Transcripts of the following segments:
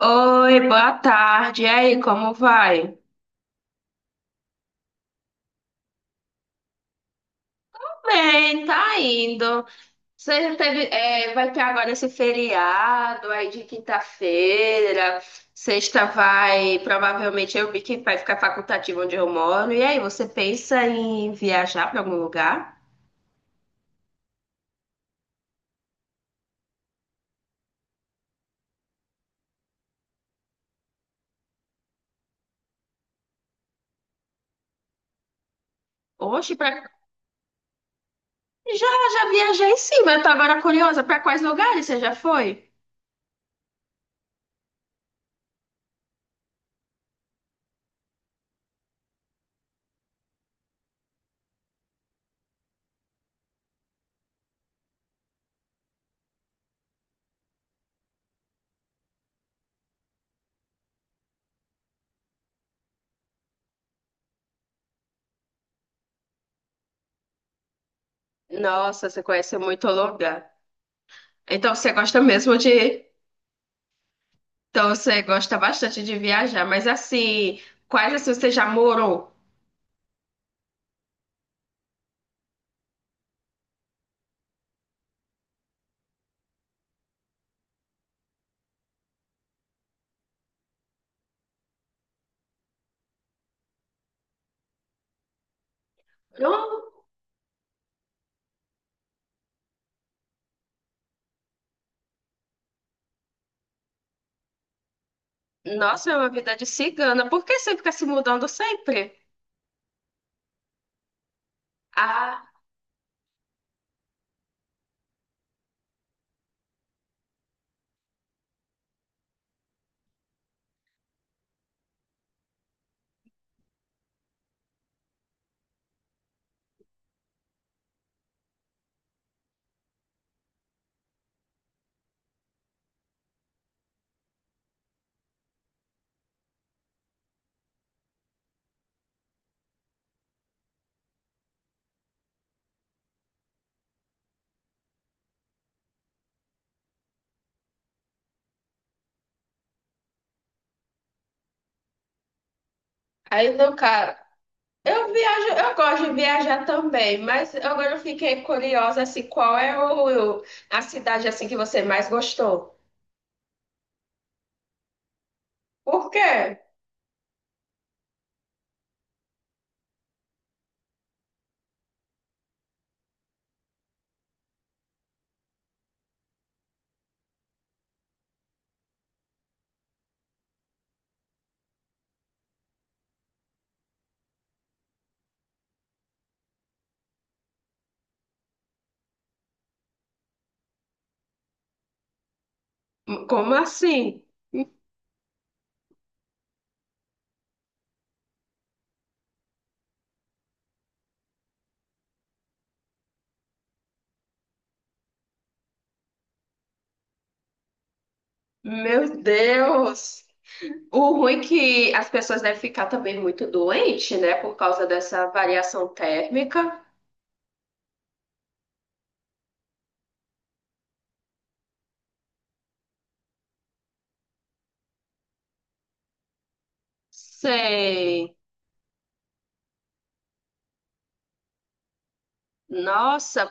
Oi, boa tarde. E aí, como vai? Bem, tá indo. Você já teve, é, vai ter agora esse feriado aí de quinta-feira. Sexta vai, provavelmente eu vi que vai ficar facultativo onde eu moro. E aí, você pensa em viajar para algum lugar? Oxe, pra... já, já viajei sim, mas eu tô agora curiosa. Para quais lugares você já foi? Nossa, você conhece muito lugar. Então você gosta mesmo de. Então você gosta bastante de viajar, mas assim, quais assim você já morou? Não. Nossa, é uma vida de cigana. Por que você fica se mudando sempre? Ah, aí não, cara. Eu viajo, eu gosto de viajar também, mas agora eu fiquei curiosa assim, qual é o, a cidade assim que você mais gostou? Por quê? Como assim? Meu Deus! O ruim é que as pessoas devem ficar também muito doentes, né? Por causa dessa variação térmica. Sei. Nossa,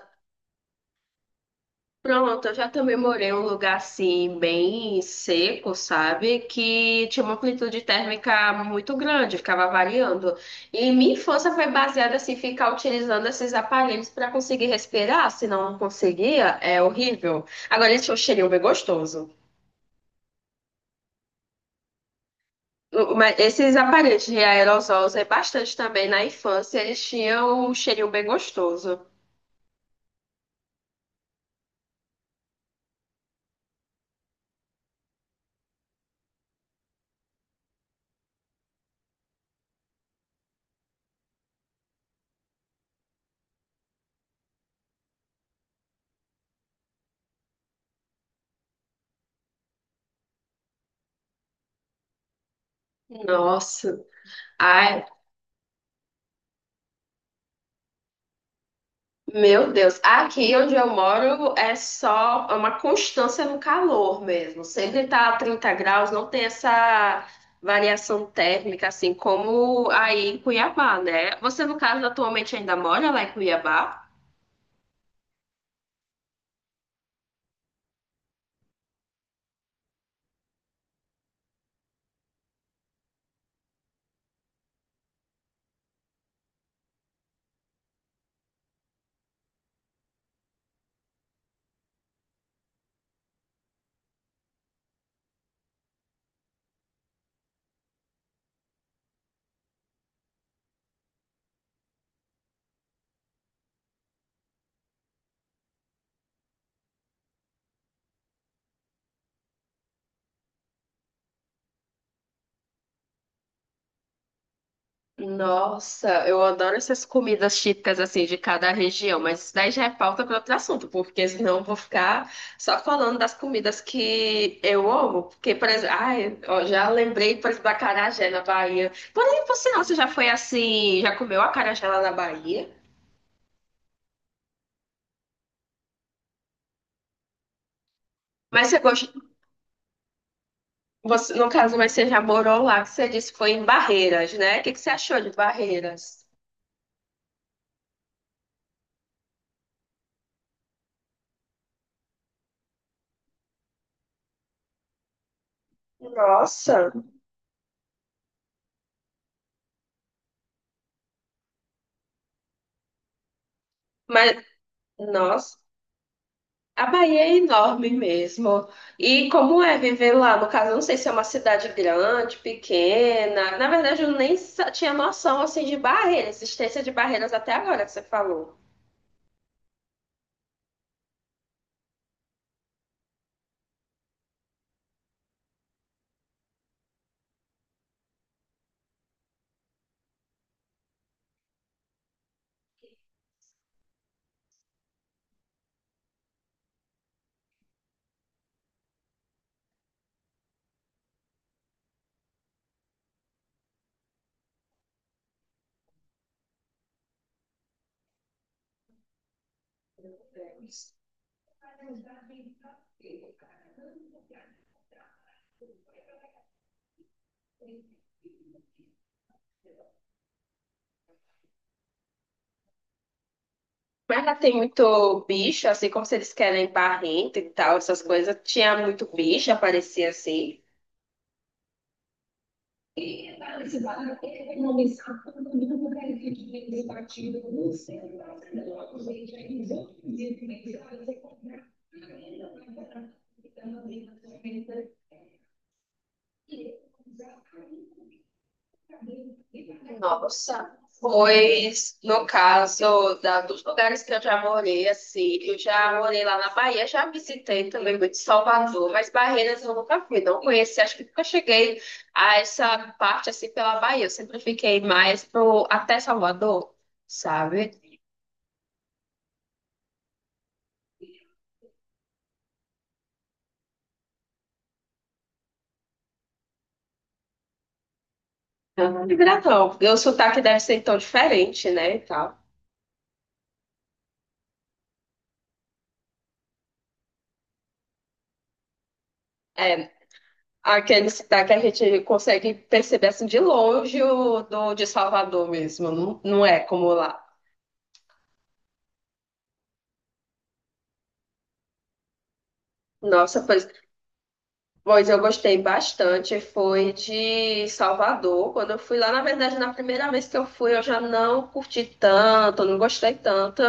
pronto, eu já também morei em um lugar assim, bem seco, sabe? Que tinha uma amplitude térmica muito grande, ficava variando. E minha infância foi baseada assim, ficar utilizando esses aparelhos para conseguir respirar, se não conseguia, é horrível. Agora ele tinha um cheirinho bem gostoso. Mas esses aparelhos de aerosol eu usei bastante também na infância, eles tinham um cheirinho bem gostoso. Nossa. Ai, Meu Deus, aqui onde eu moro é só é uma constância no calor mesmo. Sempre tá a 30 graus, não tem essa variação térmica assim como aí em Cuiabá, né? Você, no caso, atualmente ainda mora lá em Cuiabá? Nossa, eu adoro essas comidas típicas assim de cada região, mas isso daí já é pauta para outro assunto, porque senão eu vou ficar só falando das comidas que eu amo. Porque, por exemplo, ai, ó, já lembrei, por exemplo, da acarajé na Bahia. Porém, você não, você já foi assim, já comeu acarajé lá na Bahia? Mas você gosta, você, no caso, mas você já morou lá, que você disse que foi em Barreiras, né? O que que você achou de Barreiras? Nossa, mas nossa. A Bahia é enorme mesmo. E como é viver lá? No caso, eu não sei se é uma cidade grande, pequena. Na verdade, eu nem tinha noção assim de barreiras, existência de barreiras até agora que você falou. Mas lá tem muito bicho, assim como se eles querem barrento e tal, essas coisas. Tinha muito bicho, aparecia assim. Nossa, pois no caso da, dos lugares que eu já morei, assim, eu já morei lá na Bahia, já visitei também muito Salvador, mas Barreiras eu nunca fui, não conheci, acho que nunca cheguei a essa parte assim pela Bahia, eu sempre fiquei mais pro, até Salvador, sabe? Então, não me agrada, não. E o sotaque deve ser tão diferente, né, e tal. É, aquele sotaque que a gente consegue perceber assim de longe o do de Salvador mesmo, não, não é como lá. Nossa, pois, pois eu gostei bastante, foi de Salvador. Quando eu fui lá, na verdade, na primeira vez que eu fui, eu já não curti tanto, não gostei tanto.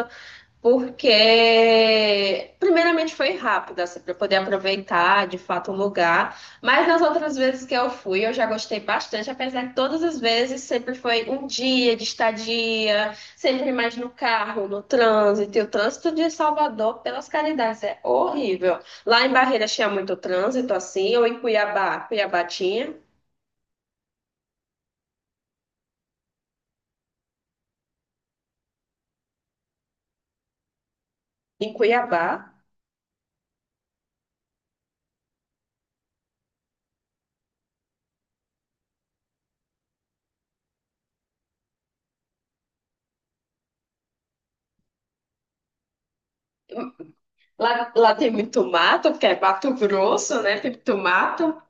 Porque primeiramente foi rápido, assim, para poder aproveitar de fato o lugar, mas nas outras vezes que eu fui, eu já gostei bastante, apesar de todas as vezes sempre foi um dia de estadia, sempre mais no carro, no trânsito, e o trânsito de Salvador, pelas caridades, é horrível. Lá em Barreiras tinha muito trânsito, assim, ou em Cuiabá, Cuiabá tinha, em Cuiabá. Lá, lá tem muito mato, porque é Mato Grosso, né? Tem muito mato.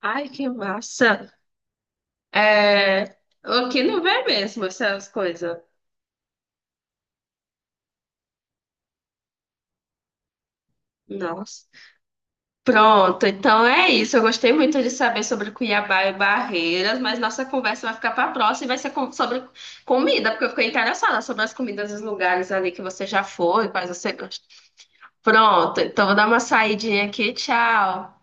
Ai, que massa! É, aqui não vê mesmo essas coisas. Nossa. Pronto, então é isso. Eu gostei muito de saber sobre Cuiabá e Barreiras, mas nossa conversa vai ficar para a próxima e vai ser sobre comida, porque eu fiquei interessada sobre as comidas dos lugares ali que você já foi, quais você gosta. Pronto, então vou dar uma saidinha aqui. Tchau.